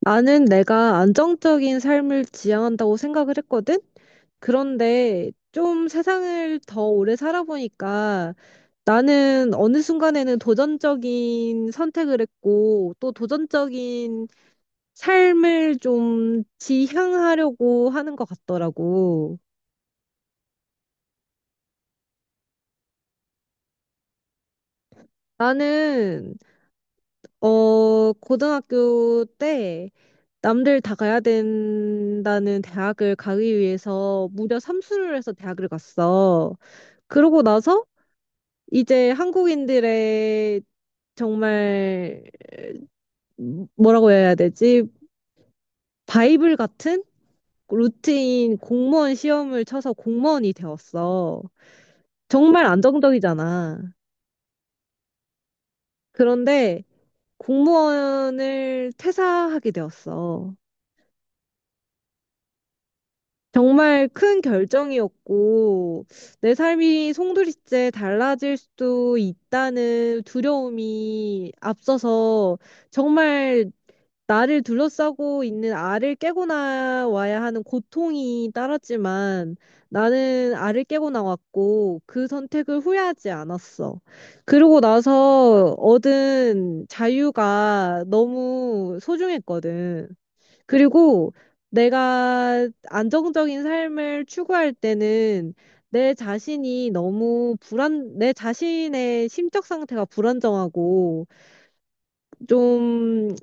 나는 내가 안정적인 삶을 지향한다고 생각을 했거든? 그런데 좀 세상을 더 오래 살아보니까 나는 어느 순간에는 도전적인 선택을 했고 또 도전적인 삶을 좀 지향하려고 하는 것 같더라고. 나는, 고등학교 때 남들 다 가야 된다는 대학을 가기 위해서 무려 삼수를 해서 대학을 갔어. 그러고 나서 이제 한국인들의 정말 뭐라고 해야 되지? 바이블 같은 루틴 공무원 시험을 쳐서 공무원이 되었어. 정말 안정적이잖아. 그런데 공무원을 퇴사하게 되었어. 정말 큰 결정이었고, 내 삶이 송두리째 달라질 수도 있다는 두려움이 앞서서 정말 나를 둘러싸고 있는 알을 깨고 나와야 하는 고통이 따랐지만, 나는 알을 깨고 나왔고 그 선택을 후회하지 않았어. 그러고 나서 얻은 자유가 너무 소중했거든. 그리고 내가 안정적인 삶을 추구할 때는 내 자신의 심적 상태가 불안정하고 좀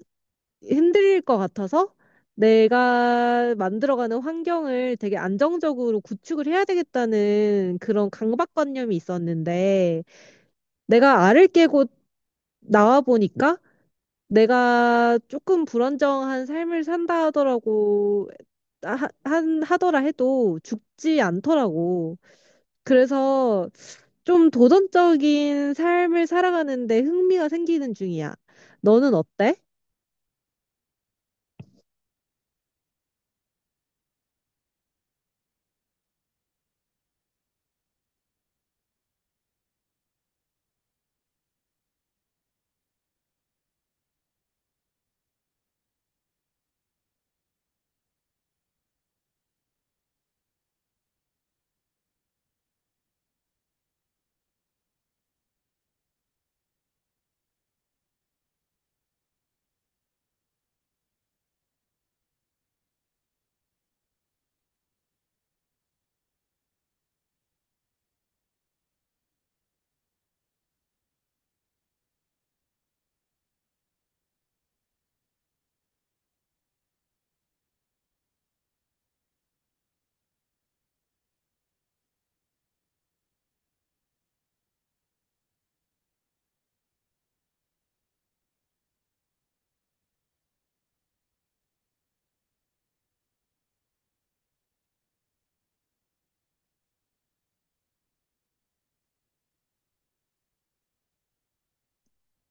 흔들릴 것 같아서 내가 만들어가는 환경을 되게 안정적으로 구축을 해야 되겠다는 그런 강박관념이 있었는데, 내가 알을 깨고 나와 보니까 내가 조금 불안정한 삶을 산다 하더라고, 하, 한 하더라 해도 죽지 않더라고. 그래서 좀 도전적인 삶을 살아가는데 흥미가 생기는 중이야. 너는 어때?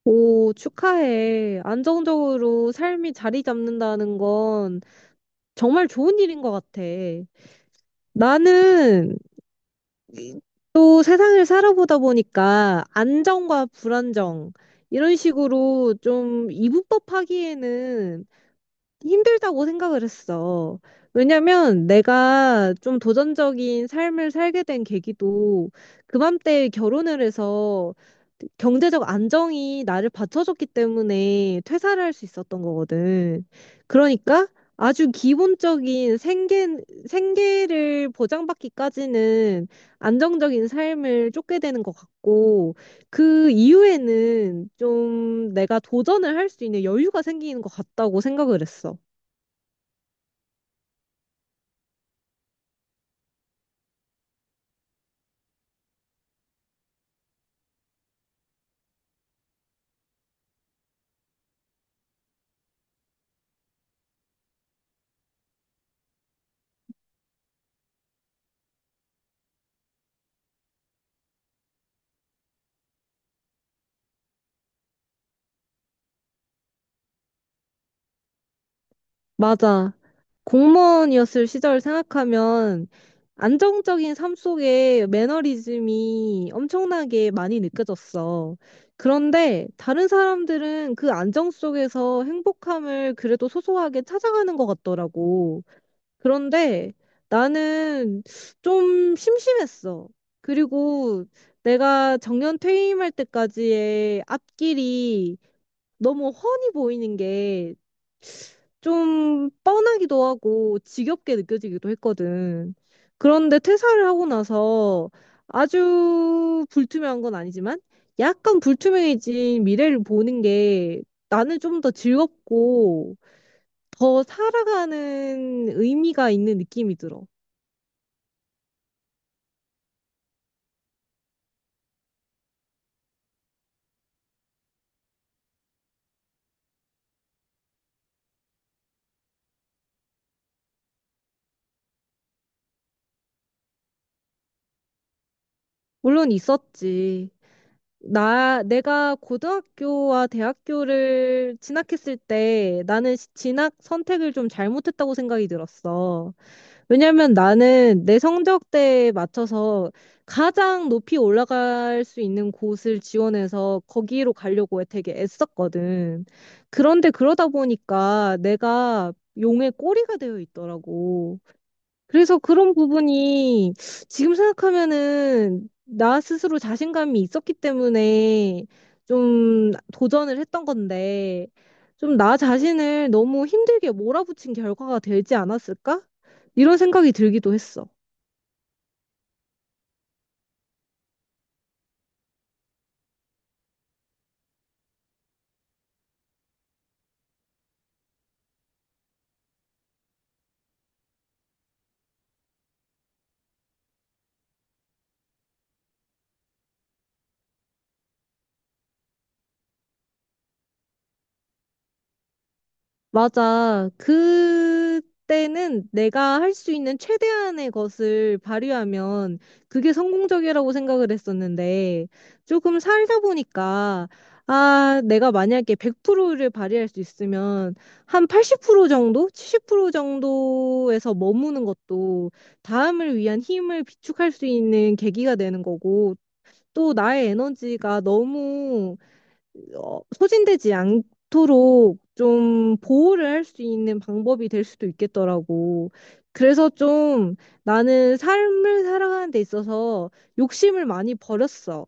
오, 축하해. 안정적으로 삶이 자리 잡는다는 건 정말 좋은 일인 것 같아. 나는 이- 또 세상을 살아보다 보니까 안정과 불안정, 이런 식으로 좀 이분법하기에는 힘들다고 생각을 했어. 왜냐면 내가 좀 도전적인 삶을 살게 된 계기도 그맘때 결혼을 해서 경제적 안정이 나를 받쳐줬기 때문에 퇴사를 할 수 있었던 거거든. 그러니까 아주 기본적인 생계를 보장받기까지는 안정적인 삶을 쫓게 되는 것 같고, 그 이후에는 좀 내가 도전을 할 수 있는 여유가 생기는 것 같다고 생각을 했어. 맞아. 공무원이었을 시절 생각하면 안정적인 삶 속에 매너리즘이 엄청나게 많이 느껴졌어. 그런데 다른 사람들은 그 안정 속에서 행복함을 그래도 소소하게 찾아가는 것 같더라고. 그런데 나는 좀 심심했어. 그리고 내가 정년 퇴임할 때까지의 앞길이 너무 훤히 보이는 게 좀 뻔하기도 하고 지겹게 느껴지기도 했거든. 그런데 퇴사를 하고 나서 아주 불투명한 건 아니지만 약간 불투명해진 미래를 보는 게 나는 좀 더 즐겁고 더 살아가는 의미가 있는 느낌이 들어. 물론 있었지. 내가 고등학교와 대학교를 진학했을 때 나는 진학 선택을 좀 잘못했다고 생각이 들었어. 왜냐면 나는 내 성적대에 맞춰서 가장 높이 올라갈 수 있는 곳을 지원해서 거기로 가려고 되게 애썼거든. 그런데 그러다 보니까 내가 용의 꼬리가 되어 있더라고. 그래서 그런 부분이 지금 생각하면은 나 스스로 자신감이 있었기 때문에 좀 도전을 했던 건데, 좀 나 자신을 너무 힘들게 몰아붙인 결과가 되지 않았을까? 이런 생각이 들기도 했어. 맞아. 그때는 내가 할 수 있는 최대한의 것을 발휘하면 그게 성공적이라고 생각을 했었는데, 조금 살다 보니까, 아, 내가 만약에 100%를 발휘할 수 있으면 한 80% 정도? 70% 정도에서 머무는 것도 다음을 위한 힘을 비축할 수 있는 계기가 되는 거고, 또 나의 에너지가 너무 소진되지 않도록 좀 보호를 할 수 있는 방법이 될 수도 있겠더라고. 그래서 좀 나는 삶을 살아가는 데 있어서 욕심을 많이 버렸어.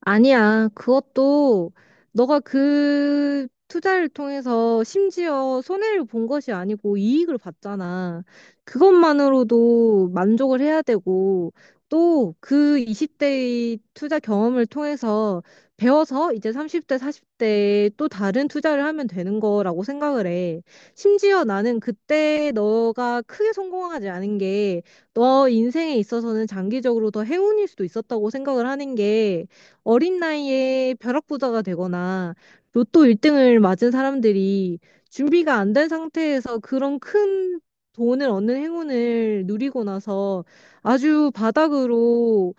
아니야. 그것도 너가 그 투자를 통해서 심지어 손해를 본 것이 아니고 이익을 봤잖아. 그것만으로도 만족을 해야 되고, 또 그 20대의 투자 경험을 통해서 배워서 이제 30대, 40대에 또 다른 투자를 하면 되는 거라고 생각을 해. 심지어 나는 그때 너가 크게 성공하지 않은 게 너 인생에 있어서는 장기적으로 더 행운일 수도 있었다고 생각을 하는 게, 어린 나이에 벼락부자가 되거나 로또 1등을 맞은 사람들이 준비가 안 된 상태에서 그런 큰 돈을 얻는 행운을 누리고 나서 아주 바닥으로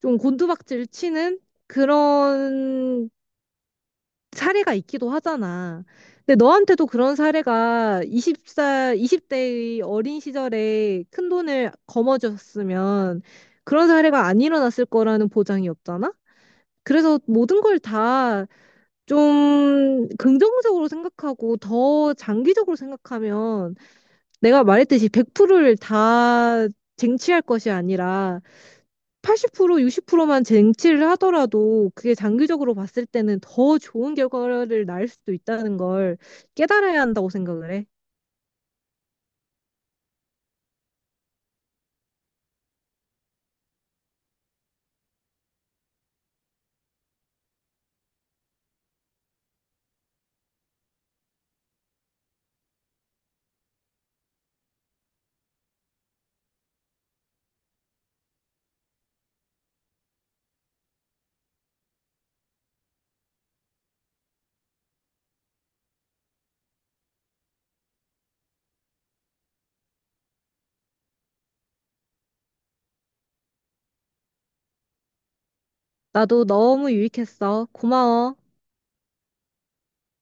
좀 곤두박질 치는 그런 사례가 있기도 하잖아. 근데 너한테도 그런 사례가 20살, 20대의 어린 시절에 큰 돈을 거머쥐었으면 그런 사례가 안 일어났을 거라는 보장이 없잖아? 그래서 모든 걸 다 좀 긍정적으로 생각하고 더 장기적으로 생각하면, 내가 말했듯이 100%를 다 쟁취할 것이 아니라 80%, 60%만 쟁취를 하더라도 그게 장기적으로 봤을 때는 더 좋은 결과를 낳을 수도 있다는 걸 깨달아야 한다고 생각을 해. 나도 너무 유익했어. 고마워.